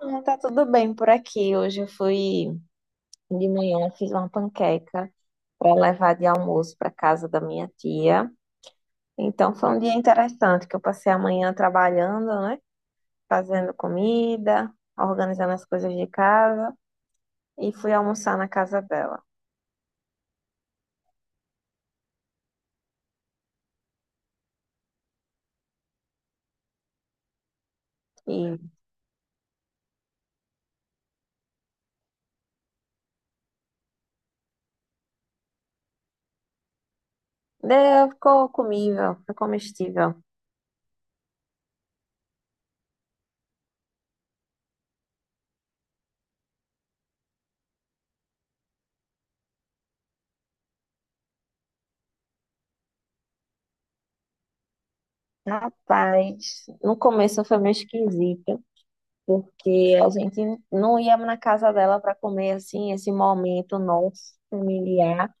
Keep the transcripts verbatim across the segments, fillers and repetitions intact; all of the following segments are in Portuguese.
Não, tá tudo bem por aqui. Hoje eu fui de manhã, fiz uma panqueca para levar de almoço para casa da minha tia. Então foi um dia interessante que eu passei a manhã trabalhando, né? Fazendo comida, organizando as coisas de casa e fui almoçar na casa dela. E deu, ficou comível, ficou comestível. Rapaz, no começo foi meio esquisito, porque a gente não ia na casa dela para comer assim, esse momento nosso familiar.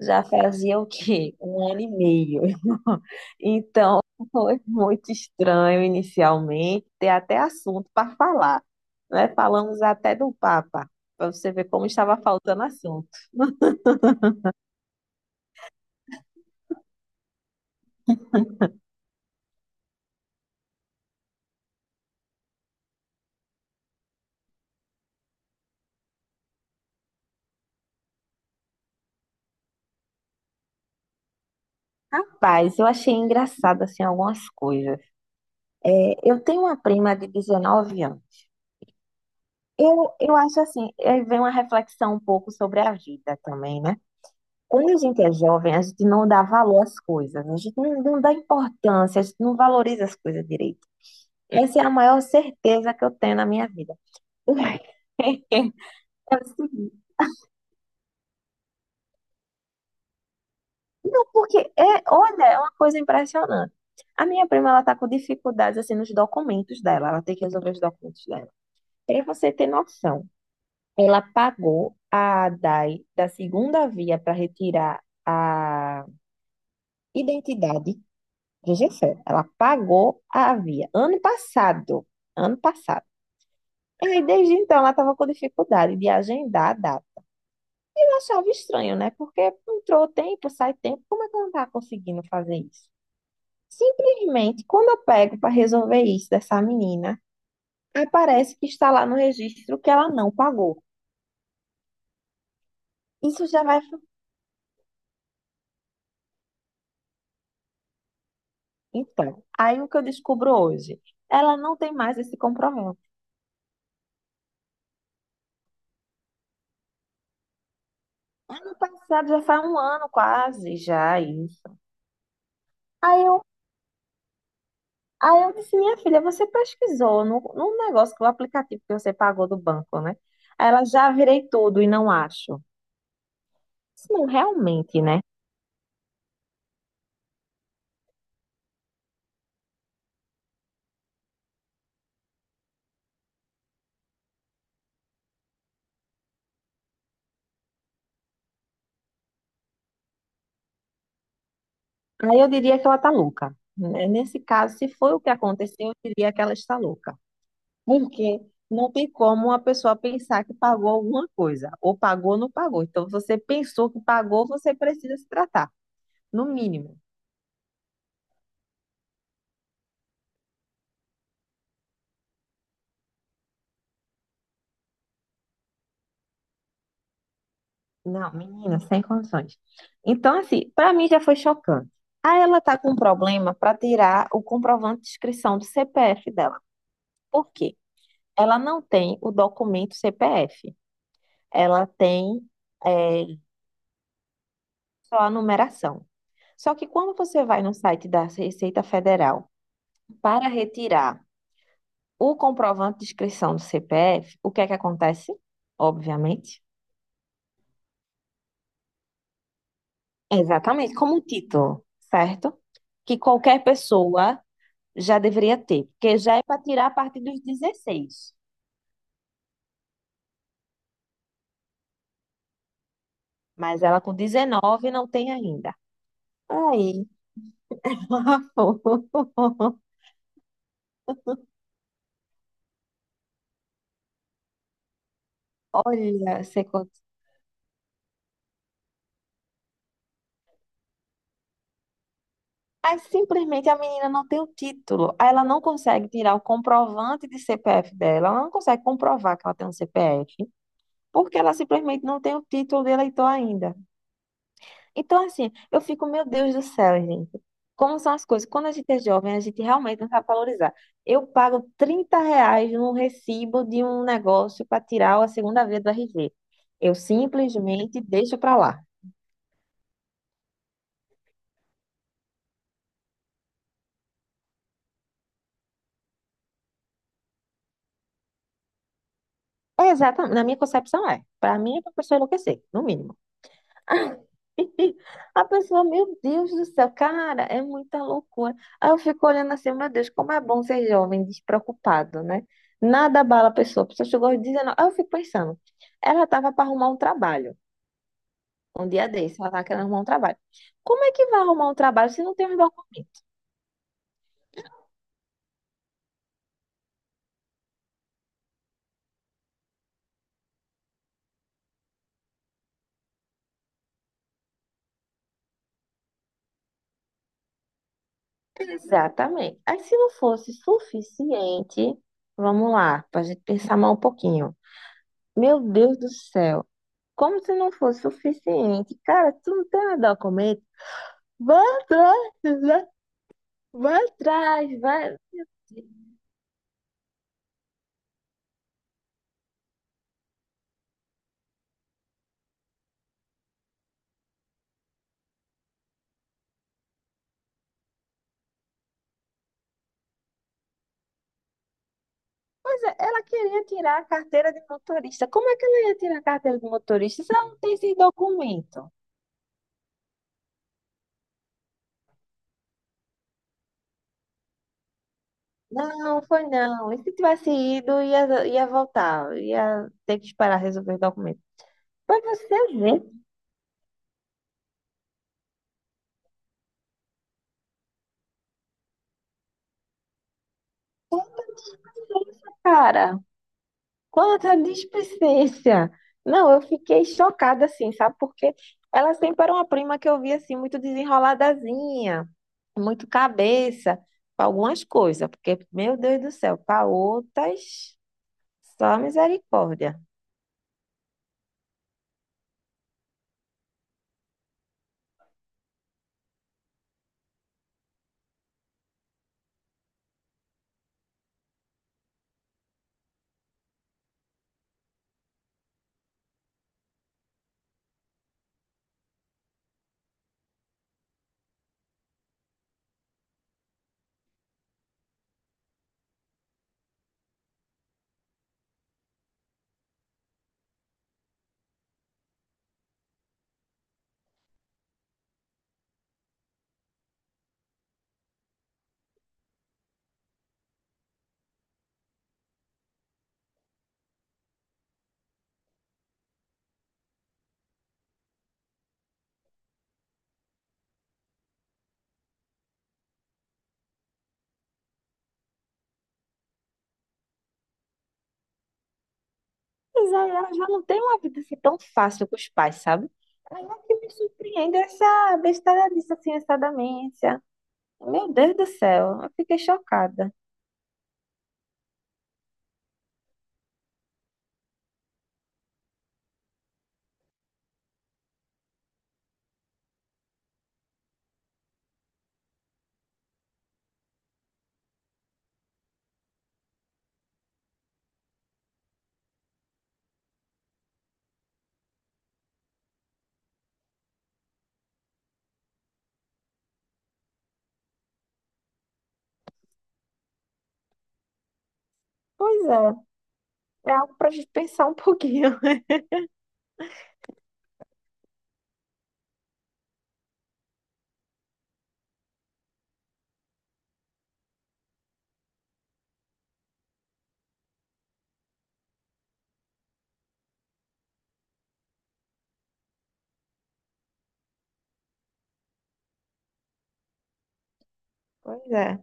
Já fazia o quê? Um ano e meio. Então, foi muito estranho inicialmente, ter até assunto para falar, né? Falamos até do Papa, para você ver como estava faltando assunto. Rapaz, eu achei engraçado assim algumas coisas. É, eu tenho uma prima de dezenove anos. Eu, eu acho assim, aí vem uma reflexão um pouco sobre a vida também, né? Quando a gente é jovem, a gente não dá valor às coisas, a gente não, não dá importância, a gente não valoriza as coisas direito. Essa é a maior certeza que eu tenho na minha vida. É o seguinte. Não, porque é, olha, é uma coisa impressionante. A minha prima, ela tá com dificuldades assim nos documentos dela, ela tem que resolver os documentos dela. Para você ter noção, ela pagou a ADAI da segunda via para retirar a identidade rejeição. Ela pagou a via ano passado. Ano passado. Aí, desde então, ela estava com dificuldade de agendar a data. Eu achava estranho, né? Porque entrou tempo, sai tempo. Como é que ela não tá conseguindo fazer isso? Simplesmente, quando eu pego para resolver isso dessa menina, aparece que está lá no registro que ela não pagou. Isso já vai. Então, aí o que eu descubro hoje? Ela não tem mais esse compromisso. Ano passado, já faz um ano quase, já isso. Aí eu Aí eu disse, minha filha, você pesquisou no, no negócio, que o aplicativo que você pagou do banco, né? Aí ela já virei tudo e não acho. Disse, não, realmente, né? Aí eu diria que ela tá louca, né? Nesse caso, se foi o que aconteceu, eu diria que ela está louca. Porque não tem como uma pessoa pensar que pagou alguma coisa, ou pagou ou não pagou. Então, você pensou que pagou, você precisa se tratar, no mínimo. Não, menina, sem condições. Então, assim, pra mim já foi chocante. Aí ela tá com um problema pra tirar o comprovante de inscrição do C P F dela. Por quê? Ela não tem o documento C P F. Ela tem é, só a numeração. Só que quando você vai no site da Receita Federal para retirar o comprovante de inscrição do C P F, o que é que acontece? Obviamente. Exatamente, como o título, certo? Que qualquer pessoa já deveria ter, porque já é para tirar a partir dos dezesseis, mas ela com dezenove não tem ainda. Aí, olha, você conta. Aí simplesmente a menina não tem o título, aí ela não consegue tirar o comprovante de C P F dela, ela não consegue comprovar que ela tem um C P F, porque ela simplesmente não tem o título de eleitor ainda. Então, assim, eu fico, meu Deus do céu, gente. Como são as coisas? Quando a gente é jovem, a gente realmente não sabe valorizar. Eu pago trinta reais num recibo de um negócio para tirar a segunda via do R G. Eu simplesmente deixo para lá. É exatamente, na minha concepção é. Para mim é para pessoa enlouquecer, no mínimo. A pessoa, meu Deus do céu, cara, é muita loucura. Aí eu fico olhando assim, meu Deus, como é bom ser jovem, despreocupado, né? Nada abala a pessoa. A pessoa chegou aos dezenove. Aí eu fico pensando, ela tava para arrumar um trabalho, um dia desse, ela tava querendo arrumar um trabalho. Como é que vai arrumar um trabalho se não tem um documento? Exatamente. Aí se não fosse suficiente, vamos lá, para a gente pensar mais um pouquinho. Meu Deus do céu. Como se não fosse suficiente. Cara, tu não tem nada a comer? Vai atrás, né? Vai atrás, vai. Pois é, ela queria tirar a carteira de motorista. Como é que ela ia tirar a carteira de motorista se ela não tem esse documento? Não, foi não. E se tivesse ido, ia, ia voltar. Ia ter que esperar resolver o documento. Pra você ver, que é isso, cara. Quanta displicência! Não, eu fiquei chocada assim, sabe? Porque ela sempre era uma prima que eu via assim, muito desenroladazinha, muito cabeça, pra algumas coisas, porque, meu Deus do céu, para outras, só misericórdia. Mas aí ela já não tem uma vida assim tão fácil com os pais, sabe? Aí é que me surpreende essa besteira disso, assim, essa demência. Meu Deus do céu, eu fiquei chocada. Pois é, é algo pra gente pensar um pouquinho. Pois é.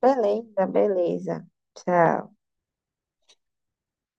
Beleza, beleza. Tchau.